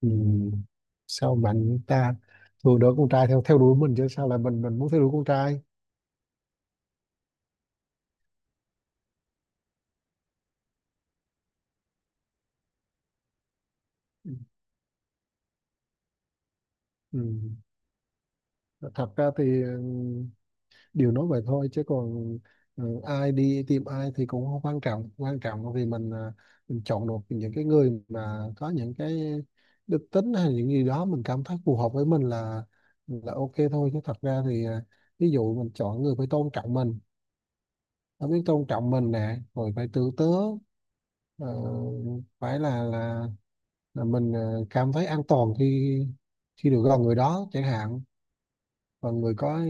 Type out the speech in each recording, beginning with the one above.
Ừ. Sao bạn ta thường đỡ con trai theo theo đuổi mình chứ sao lại mình muốn theo đuổi con trai. Ừ. Thật ra thì điều nói vậy thôi chứ còn ai đi tìm ai thì cũng không quan trọng vì mình chọn được những cái người mà có những cái đức tính hay những gì đó mình cảm thấy phù hợp với mình là ok thôi, chứ thật ra thì ví dụ mình chọn người phải tôn trọng mình, phải biết tôn trọng mình nè, rồi phải tử tế, ờ, phải là mình cảm thấy an toàn khi khi được gần người đó chẳng hạn, và người có ờ,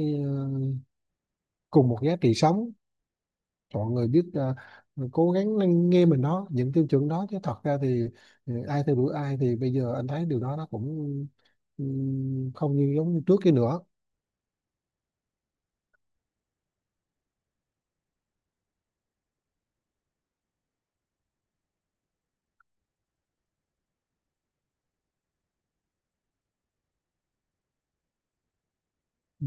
cùng một giá trị sống, mọi người biết cố gắng lắng nghe mình đó, những tiêu chuẩn đó. Chứ thật ra thì ai theo đuổi ai thì bây giờ anh thấy điều đó nó cũng ừ, không như giống như trước kia nữa. Ừ.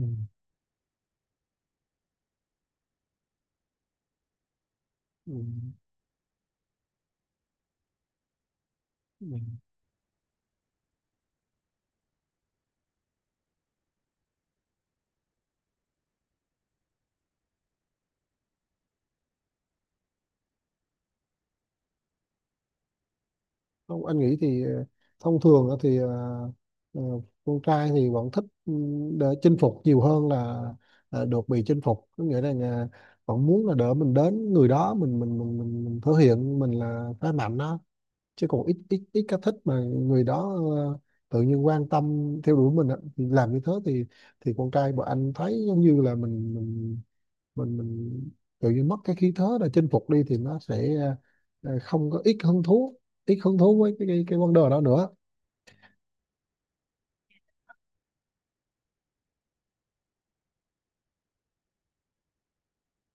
Ừ. Ừ. Không, anh nghĩ thì thông thường á thì ờ, con trai thì vẫn thích để chinh phục nhiều hơn là được bị chinh phục, có nghĩa là vẫn muốn là đỡ mình đến người đó, mình thể hiện mình là phái mạnh đó. Chứ còn ít ít ít cái thích mà người đó tự nhiên quan tâm theo đuổi mình á, thì làm như thế thì con trai bọn anh thấy giống như là mình tự nhiên mất cái khí thế là chinh phục đi, thì nó sẽ không có ít hứng thú với cái vấn đề đó nữa.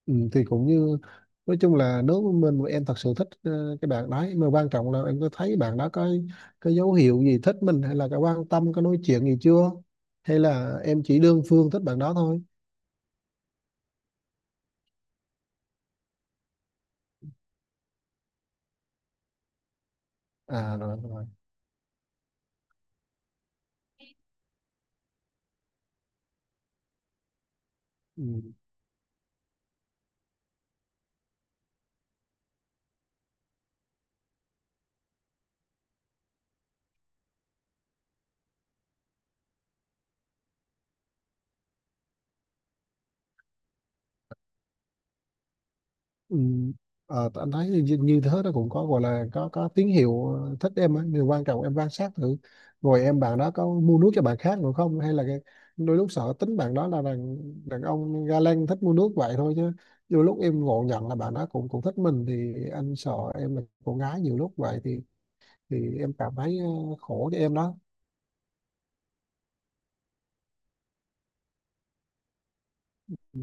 Ừ, thì cũng như nói chung là, nếu mà mình mà em thật sự thích cái bạn đấy, mà quan trọng là em có thấy bạn đó có cái dấu hiệu gì thích mình, hay là cái quan tâm có nói chuyện gì chưa, hay là em chỉ đơn phương thích bạn đó thôi. À, rồi rồi. Ừ. Ừ. Anh thấy như thế nó cũng có gọi là có tín hiệu thích em á, nhưng quan trọng em quan sát thử rồi, em bạn đó có mua nước cho bạn khác nữa không, hay là cái, đôi lúc sợ tính bạn đó là đàn đàn ông ga lăng, thích mua nước vậy thôi, chứ đôi lúc em ngộ nhận là bạn đó cũng cũng thích mình, thì anh sợ em là cô gái nhiều lúc vậy thì em cảm thấy khổ cho em đó. Ừ.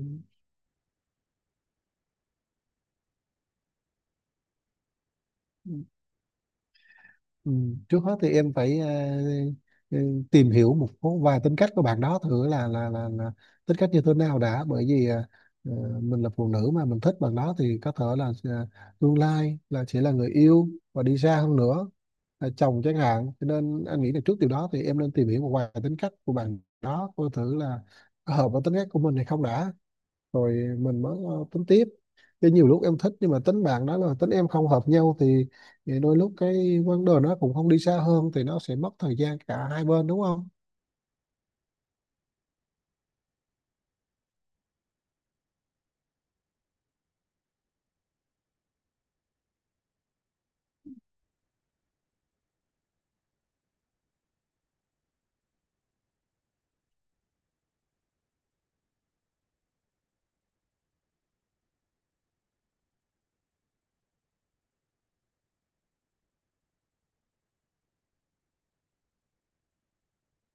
Ừ, trước hết thì em phải ờ, tìm hiểu một số vài tính cách của bạn đó thử là là tính cách như thế nào đã, bởi vì ờ, mình là phụ nữ mà mình thích bạn đó, thì có thể là tương lai là sẽ là người yêu, và đi xa hơn nữa là chồng chẳng hạn, cho nên anh nghĩ là trước điều đó thì em nên tìm hiểu một vài tính cách của bạn đó, coi thử là có hợp với tính cách của mình hay không đã, rồi mình mới tính tiếp. Chứ nhiều lúc em thích nhưng mà tính bạn đó là tính em không hợp nhau thì đôi lúc cái vấn đề nó cũng không đi xa hơn, thì nó sẽ mất thời gian cả hai bên đúng không.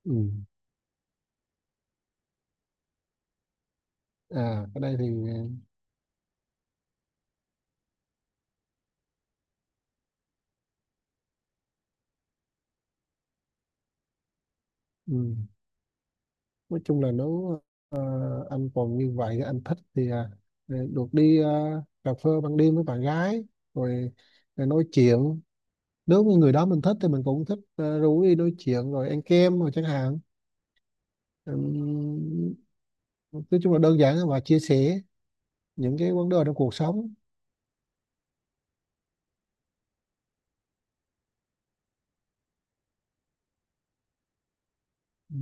Ừ. À, cái đây thì ừ, nói chung là nếu ờ, anh còn như vậy, anh thích thì được đi cà phê ban đêm với bạn gái, rồi, rồi nói chuyện. Nếu như người đó mình thích thì mình cũng thích rủ đi nói chuyện rồi ăn kem rồi chẳng hạn. Ừm, nói chung là đơn giản và chia sẻ những cái vấn đề trong cuộc sống. Ừ.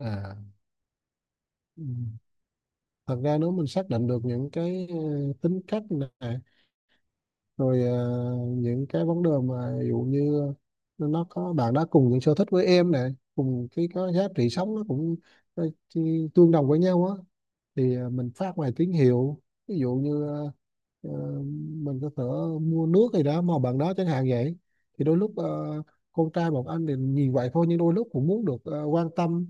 À. Ừ. Thật ra nếu mình xác định được những cái tính cách này rồi, những cái vấn đề mà ví dụ như nó có, bạn đã cùng những sở thích với em này, cùng cái có giá trị sống nó cũng tương đồng với nhau á, thì mình phát ngoài tín hiệu, ví dụ như ờ, mình có thể mua nước gì đó mà bạn đó chẳng hạn vậy, thì đôi lúc con trai một anh thì nhìn vậy thôi, nhưng đôi lúc cũng muốn được quan tâm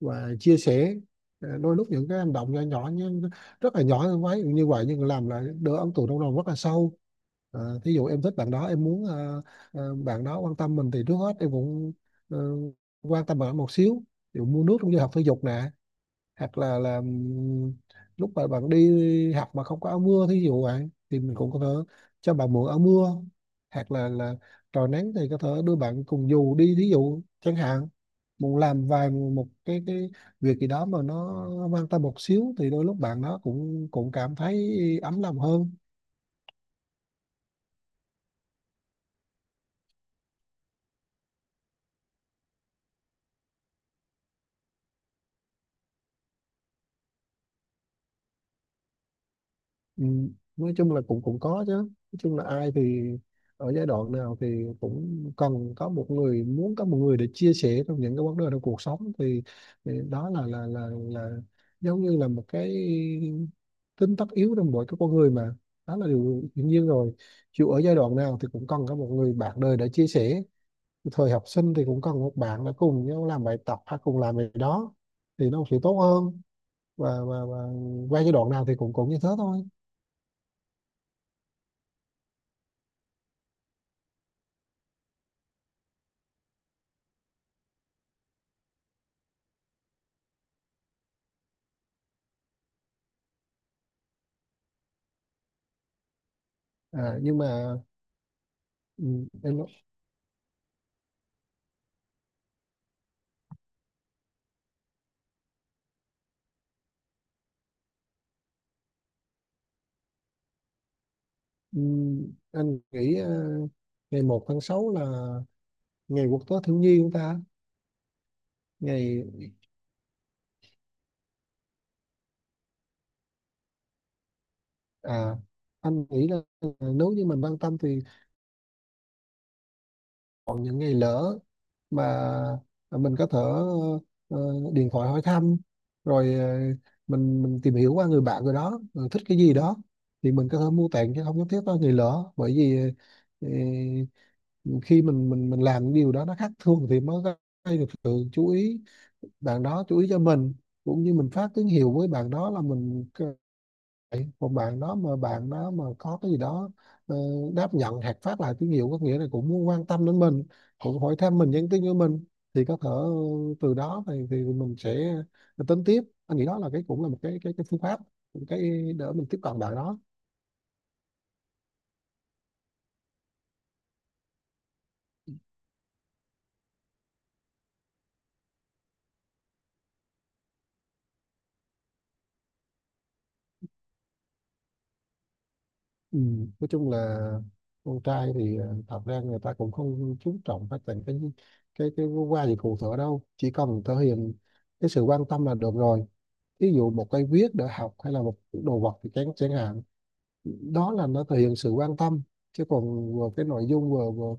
và chia sẻ. Đôi lúc những cái hành động nhỏ nhỏ, nhưng rất là nhỏ thôi, ví như vậy nhưng làm lại đỡ ấn tượng trong lòng rất là sâu. Thí dụ em thích bạn đó, em muốn bạn đó quan tâm mình, thì trước hết em cũng ờ, quan tâm bạn đó một xíu. Ví dụ mua nước trong giờ học thể dục nè, hoặc là lúc mà bạn đi học mà không có áo mưa, thí dụ vậy thì mình cũng có thể cho bạn mượn áo mưa, hoặc là trời nắng thì có thể đưa bạn cùng dù đi, thí dụ chẳng hạn. Muốn làm vài một cái việc gì đó mà nó mang tâm một xíu, thì đôi lúc bạn nó cũng cũng cảm thấy ấm lòng hơn. Ừ, nói chung là cũng cũng có chứ, nói chung là ai thì ở giai đoạn nào thì cũng cần có một người, muốn có một người để chia sẻ trong những cái vấn đề trong cuộc sống, thì đó là giống như là một cái tính tất yếu trong mỗi cái con người mà, đó là điều hiển nhiên rồi. Chịu ở giai đoạn nào thì cũng cần có một người bạn đời để chia sẻ, thời học sinh thì cũng cần một bạn để cùng nhau làm bài tập hay cùng làm gì đó thì nó sẽ tốt hơn, và và qua giai đoạn nào thì cũng cũng như thế thôi. À, nhưng mà. Ừ, em nói- ừ, anh nghĩ ngày 1 tháng 6 là ngày quốc tế thiếu nhi của ta. Ngày à Anh nghĩ là nếu như mình quan tâm thì còn những ngày lỡ mà mình có thể ờ, điện thoại hỏi thăm, rồi mình tìm hiểu qua người bạn rồi đó, rồi thích cái gì đó thì mình có thể mua tặng, chứ không nhất thiết có ngày lỡ. Bởi vì ờ, khi mình làm điều đó nó khác thường thì mới gây được sự chú ý, bạn đó chú ý cho mình, cũng như mình phát tín hiệu với bạn đó là còn bạn đó mà có cái gì đó ờ, đáp nhận hoặc phát lại tín hiệu, có nghĩa là cũng muốn quan tâm đến mình, cũng hỏi thăm mình, nhắn tin cho mình, thì có thể từ đó thì mình sẽ tính tiếp. Anh nghĩ đó là cái, cũng là một cái phương pháp, một cái để mình tiếp cận bạn đó. Ừ. Nói chung là con trai thì thật ra người ta cũng không chú trọng phát triển cái qua gì cụ thể đâu, chỉ cần thể hiện cái sự quan tâm là được rồi. Ví dụ một cây viết để học, hay là một đồ vật thì chẳng chẳng hạn, đó là nó thể hiện sự quan tâm, chứ còn vừa cái nội dung, vừa vừa,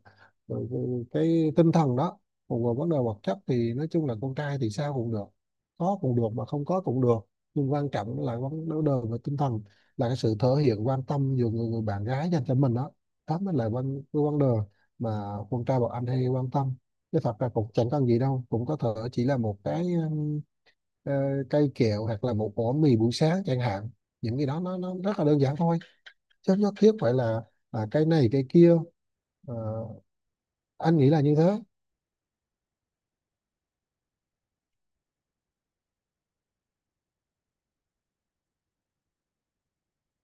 vừa, vừa cái tinh thần đó. Còn vừa vấn đề vật chất thì nói chung là con trai thì sao cũng được, có cũng được mà không có cũng được, nhưng quan trọng là vấn vấn đề về tinh thần, là cái sự thể hiện quan tâm giữa người bạn gái dành cho mình đó, đó mới là cái vấn đề mà con trai bọn anh hay quan tâm. Chứ thật ra cũng chẳng cần gì đâu, cũng có thể chỉ là một cái ờ, cây kẹo, hoặc là một ổ mì buổi sáng chẳng hạn, những cái đó nó rất là đơn giản thôi, chất nhất thiết phải là cái này cái kia. à, anh nghĩ là như thế.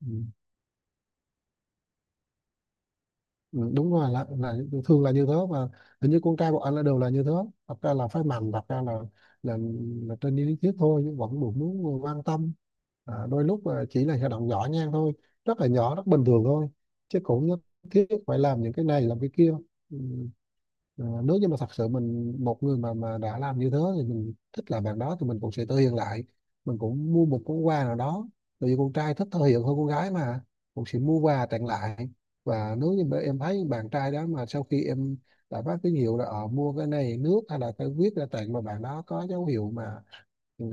Ừ. Ừ, đúng rồi, là thường là như thế. Và hình như con trai bọn anh là đều là như thế, thật ra là phải mạnh, thật ra là là, là, trên lý thuyết thôi nhưng vẫn được muốn quan tâm. Đôi lúc chỉ là hành động nhỏ nhen thôi, rất là nhỏ, rất bình thường thôi, chứ cũng nhất thiết phải làm những cái này làm cái kia. Ừ. Nếu như mà thật sự mình một người mà đã làm như thế, thì mình thích làm bạn đó thì mình cũng sẽ thể hiện lại, mình cũng mua một món quà nào đó, tại vì con trai thích thể hiện hơn con gái mà, cũng sẽ mua quà tặng lại. Và nếu như mà em thấy bạn trai đó, mà sau khi em đã phát tín hiệu là mua cái này nước, hay là cái viết ra tặng, mà bạn đó có dấu hiệu mà ừ,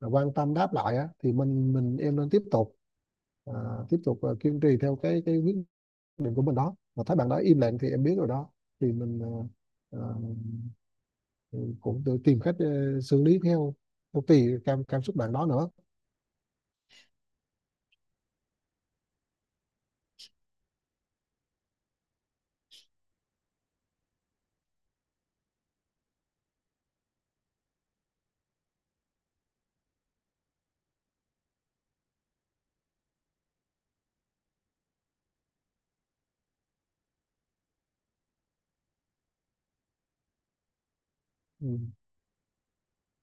mà quan tâm đáp lại á, thì mình em nên tiếp tục, à, tiếp tục kiên trì theo cái quyết định của mình đó. Mà thấy bạn đó im lặng thì em biết rồi đó, thì mình à, à, cũng tự tìm cách xử lý theo theo tùy cảm cảm xúc bạn đó nữa. Ừ.